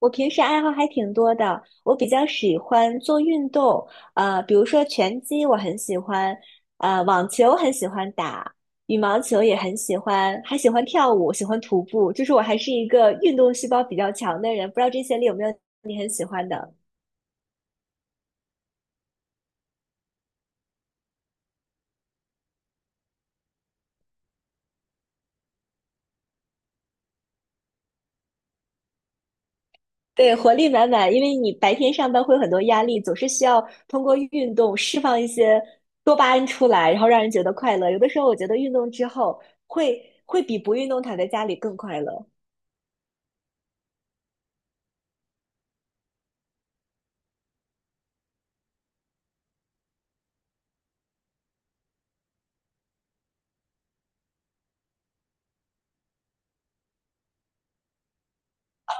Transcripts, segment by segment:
我平时爱好还挺多的，我比较喜欢做运动，比如说拳击我很喜欢，网球很喜欢打，羽毛球也很喜欢，还喜欢跳舞，喜欢徒步，就是我还是一个运动细胞比较强的人，不知道这些里有没有你很喜欢的？对，活力满满，因为你白天上班会有很多压力，总是需要通过运动释放一些多巴胺出来，然后让人觉得快乐。有的时候我觉得运动之后会会比不运动躺在家里更快乐。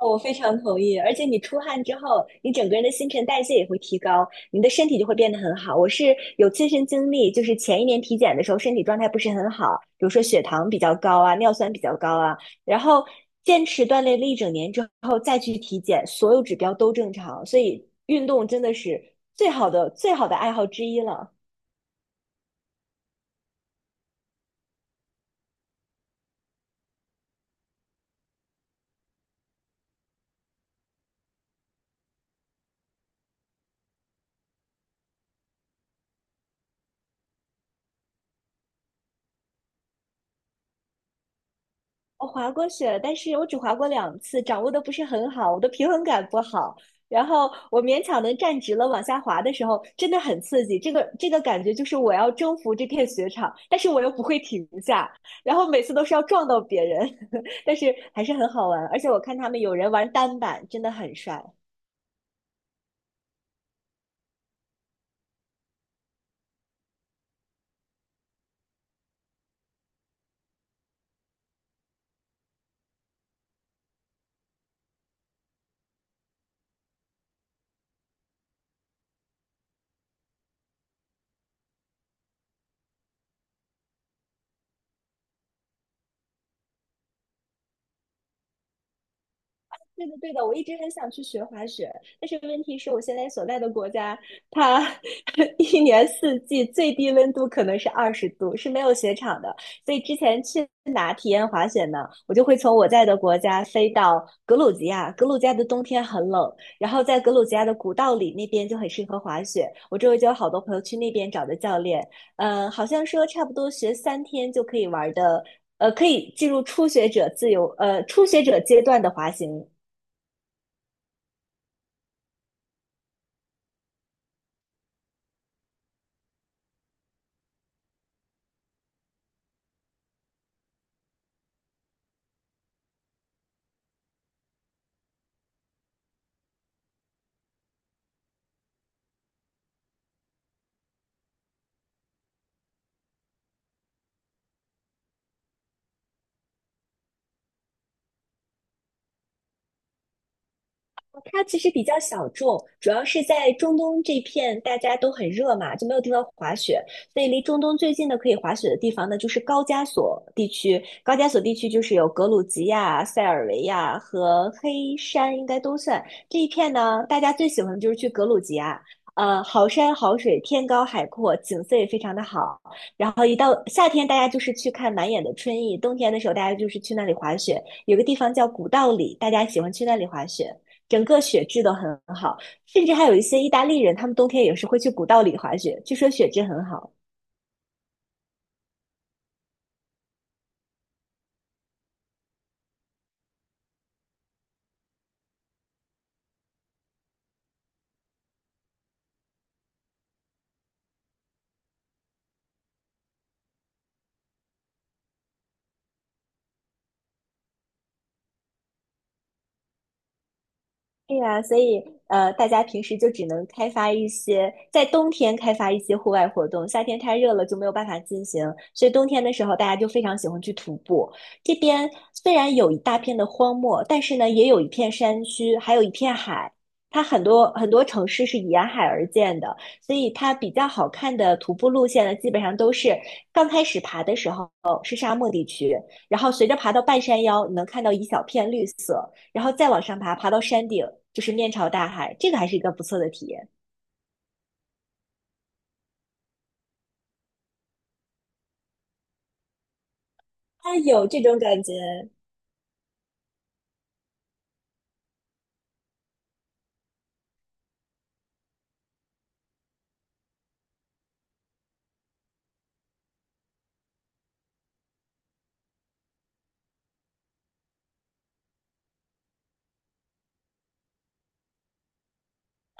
我非常同意，而且你出汗之后，你整个人的新陈代谢也会提高，你的身体就会变得很好。我是有亲身经历，就是前一年体检的时候，身体状态不是很好，比如说血糖比较高啊，尿酸比较高啊，然后坚持锻炼了一整年之后再去体检，所有指标都正常，所以运动真的是最好的最好的爱好之一了。我滑过雪了但是我只滑过两次，掌握的不是很好，我的平衡感不好。然后我勉强能站直了，往下滑的时候真的很刺激，这个感觉就是我要征服这片雪场，但是我又不会停下，然后每次都是要撞到别人，但是还是很好玩。而且我看他们有人玩单板，真的很帅。对的，对的，我一直很想去学滑雪，但是问题是我现在所在的国家，它 一年四季最低温度可能是20度，是没有雪场的。所以之前去哪体验滑雪呢？我就会从我在的国家飞到格鲁吉亚，格鲁吉亚的冬天很冷，然后在格鲁吉亚的古道里那边就很适合滑雪。我周围就有好多朋友去那边找的教练，嗯、好像说差不多学3天就可以玩的。可以进入初学者自由，初学者阶段的滑行，它其实比较小众，主要是在中东这片大家都很热嘛，就没有地方滑雪，所以离中东最近的可以滑雪的地方呢，就是高加索地区。高加索地区就是有格鲁吉亚、塞尔维亚和黑山，应该都算这一片呢。大家最喜欢的就是去格鲁吉亚，好山好水，天高海阔，景色也非常的好。然后一到夏天，大家就是去看满眼的春意；冬天的时候，大家就是去那里滑雪。有个地方叫古道里，大家喜欢去那里滑雪。整个雪质都很好，甚至还有一些意大利人，他们冬天也是会去古道里滑雪，据说雪质很好。对呀，所以大家平时就只能开发一些，在冬天开发一些户外活动，夏天太热了就没有办法进行，所以冬天的时候大家就非常喜欢去徒步。这边虽然有一大片的荒漠，但是呢，也有一片山区，还有一片海。它很多很多城市是沿海而建的，所以它比较好看的徒步路线呢，基本上都是刚开始爬的时候是沙漠地区，然后随着爬到半山腰，你能看到一小片绿色。然后再往上爬，爬到山顶，就是面朝大海，这个还是一个不错的体验。它有这种感觉。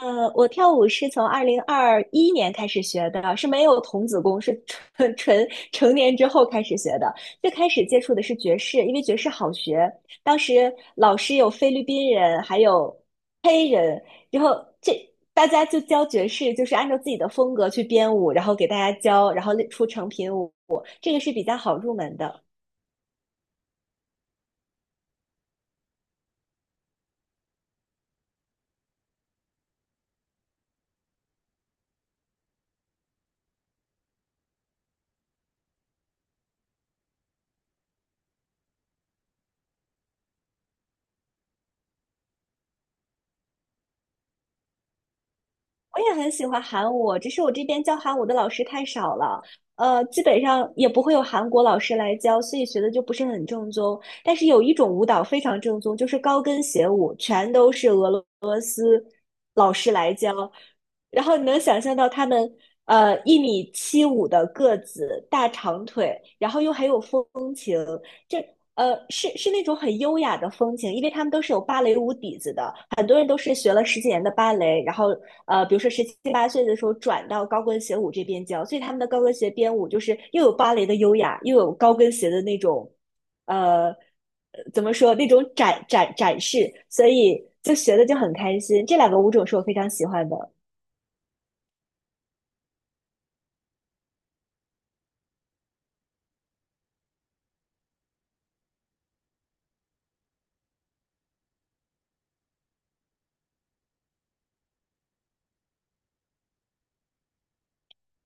我跳舞是从2021年开始学的，是没有童子功，是纯 纯成年之后开始学的。最开始接触的是爵士，因为爵士好学。当时老师有菲律宾人，还有黑人，然后这大家就教爵士，就是按照自己的风格去编舞，然后给大家教，然后出成品舞，这个是比较好入门的。我也很喜欢韩舞，只是我这边教韩舞的老师太少了，基本上也不会有韩国老师来教，所以学的就不是很正宗。但是有一种舞蹈非常正宗，就是高跟鞋舞，全都是俄罗老师来教，然后你能想象到他们1米75的个子，大长腿，然后又很有风情，这呃是是那种很优雅的风情，因为他们都是有芭蕾舞底子的，很多人都是学了10几年的芭蕾，然后比如说17、8岁的时候转到高跟鞋舞这边教，所以他们的高跟鞋编舞就是又有芭蕾的优雅，又有高跟鞋的那种。呃，怎么说那种展示，所以就学的就很开心。这两个舞种是我非常喜欢的。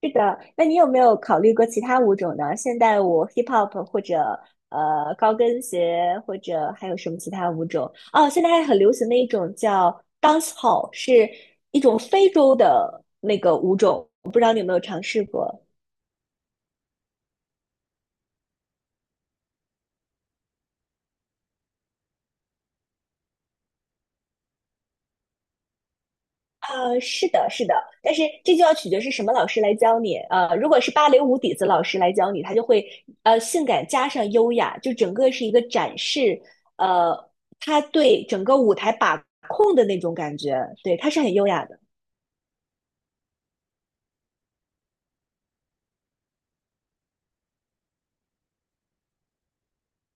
是的，那你有没有考虑过其他舞种呢？现代舞、hip hop 或者高跟鞋，或者还有什么其他舞种？哦，现在还很流行的一种叫 dance hall,是一种非洲的那个舞种，我不知道你有没有尝试过。是的，是的，但是这就要取决是什么老师来教你。如果是芭蕾舞底子老师来教你，他就会性感加上优雅，就整个是一个展示。呃，他对整个舞台把控的那种感觉，对，他是很优雅的，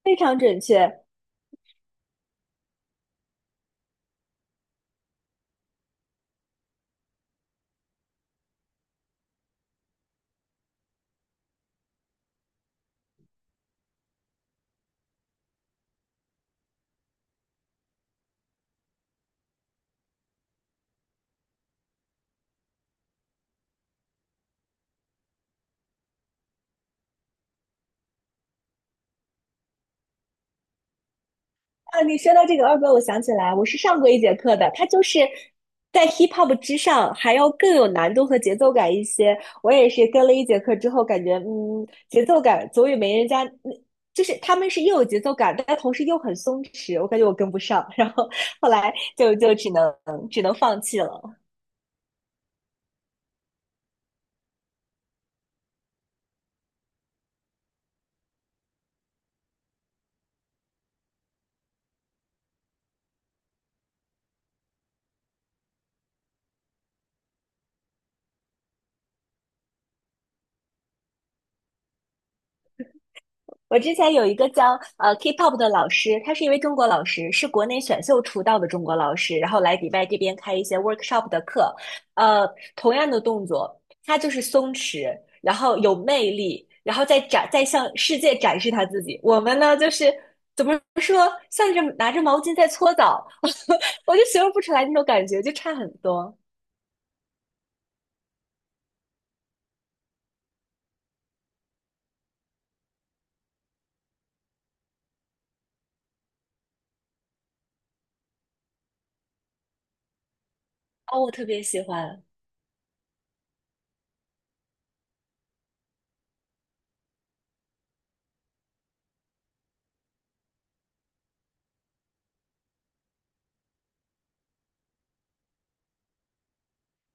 非常准确。啊，你说到这个二哥，我想起来，我是上过一节课的，它就是在 hip hop 之上还要更有难度和节奏感一些。我也是跟了一节课之后，感觉嗯，节奏感总也没人家，嗯就是他们是又有节奏感，但同时又很松弛，我感觉我跟不上，然后后来就只能放弃了。我之前有一个教K-pop 的老师，他是一位中国老师，是国内选秀出道的中国老师，然后来迪拜这边开一些 workshop 的课。呃，同样的动作，他就是松弛，然后有魅力，然后再展再向世界展示他自己。我们呢，就是怎么说，像是拿着毛巾在搓澡，我就形容不出来那种感觉，就差很多。哦，我特别喜欢。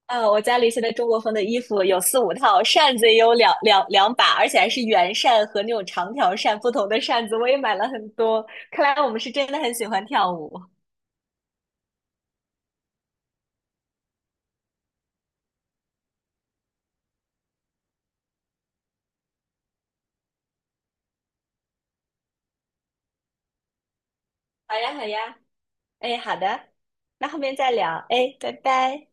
我家里现在中国风的衣服有四五套，扇子也有两把，而且还是圆扇和那种长条扇，不同的扇子我也买了很多。看来我们是真的很喜欢跳舞。好呀，好呀，哎，好的，那后面再聊，哎，拜拜。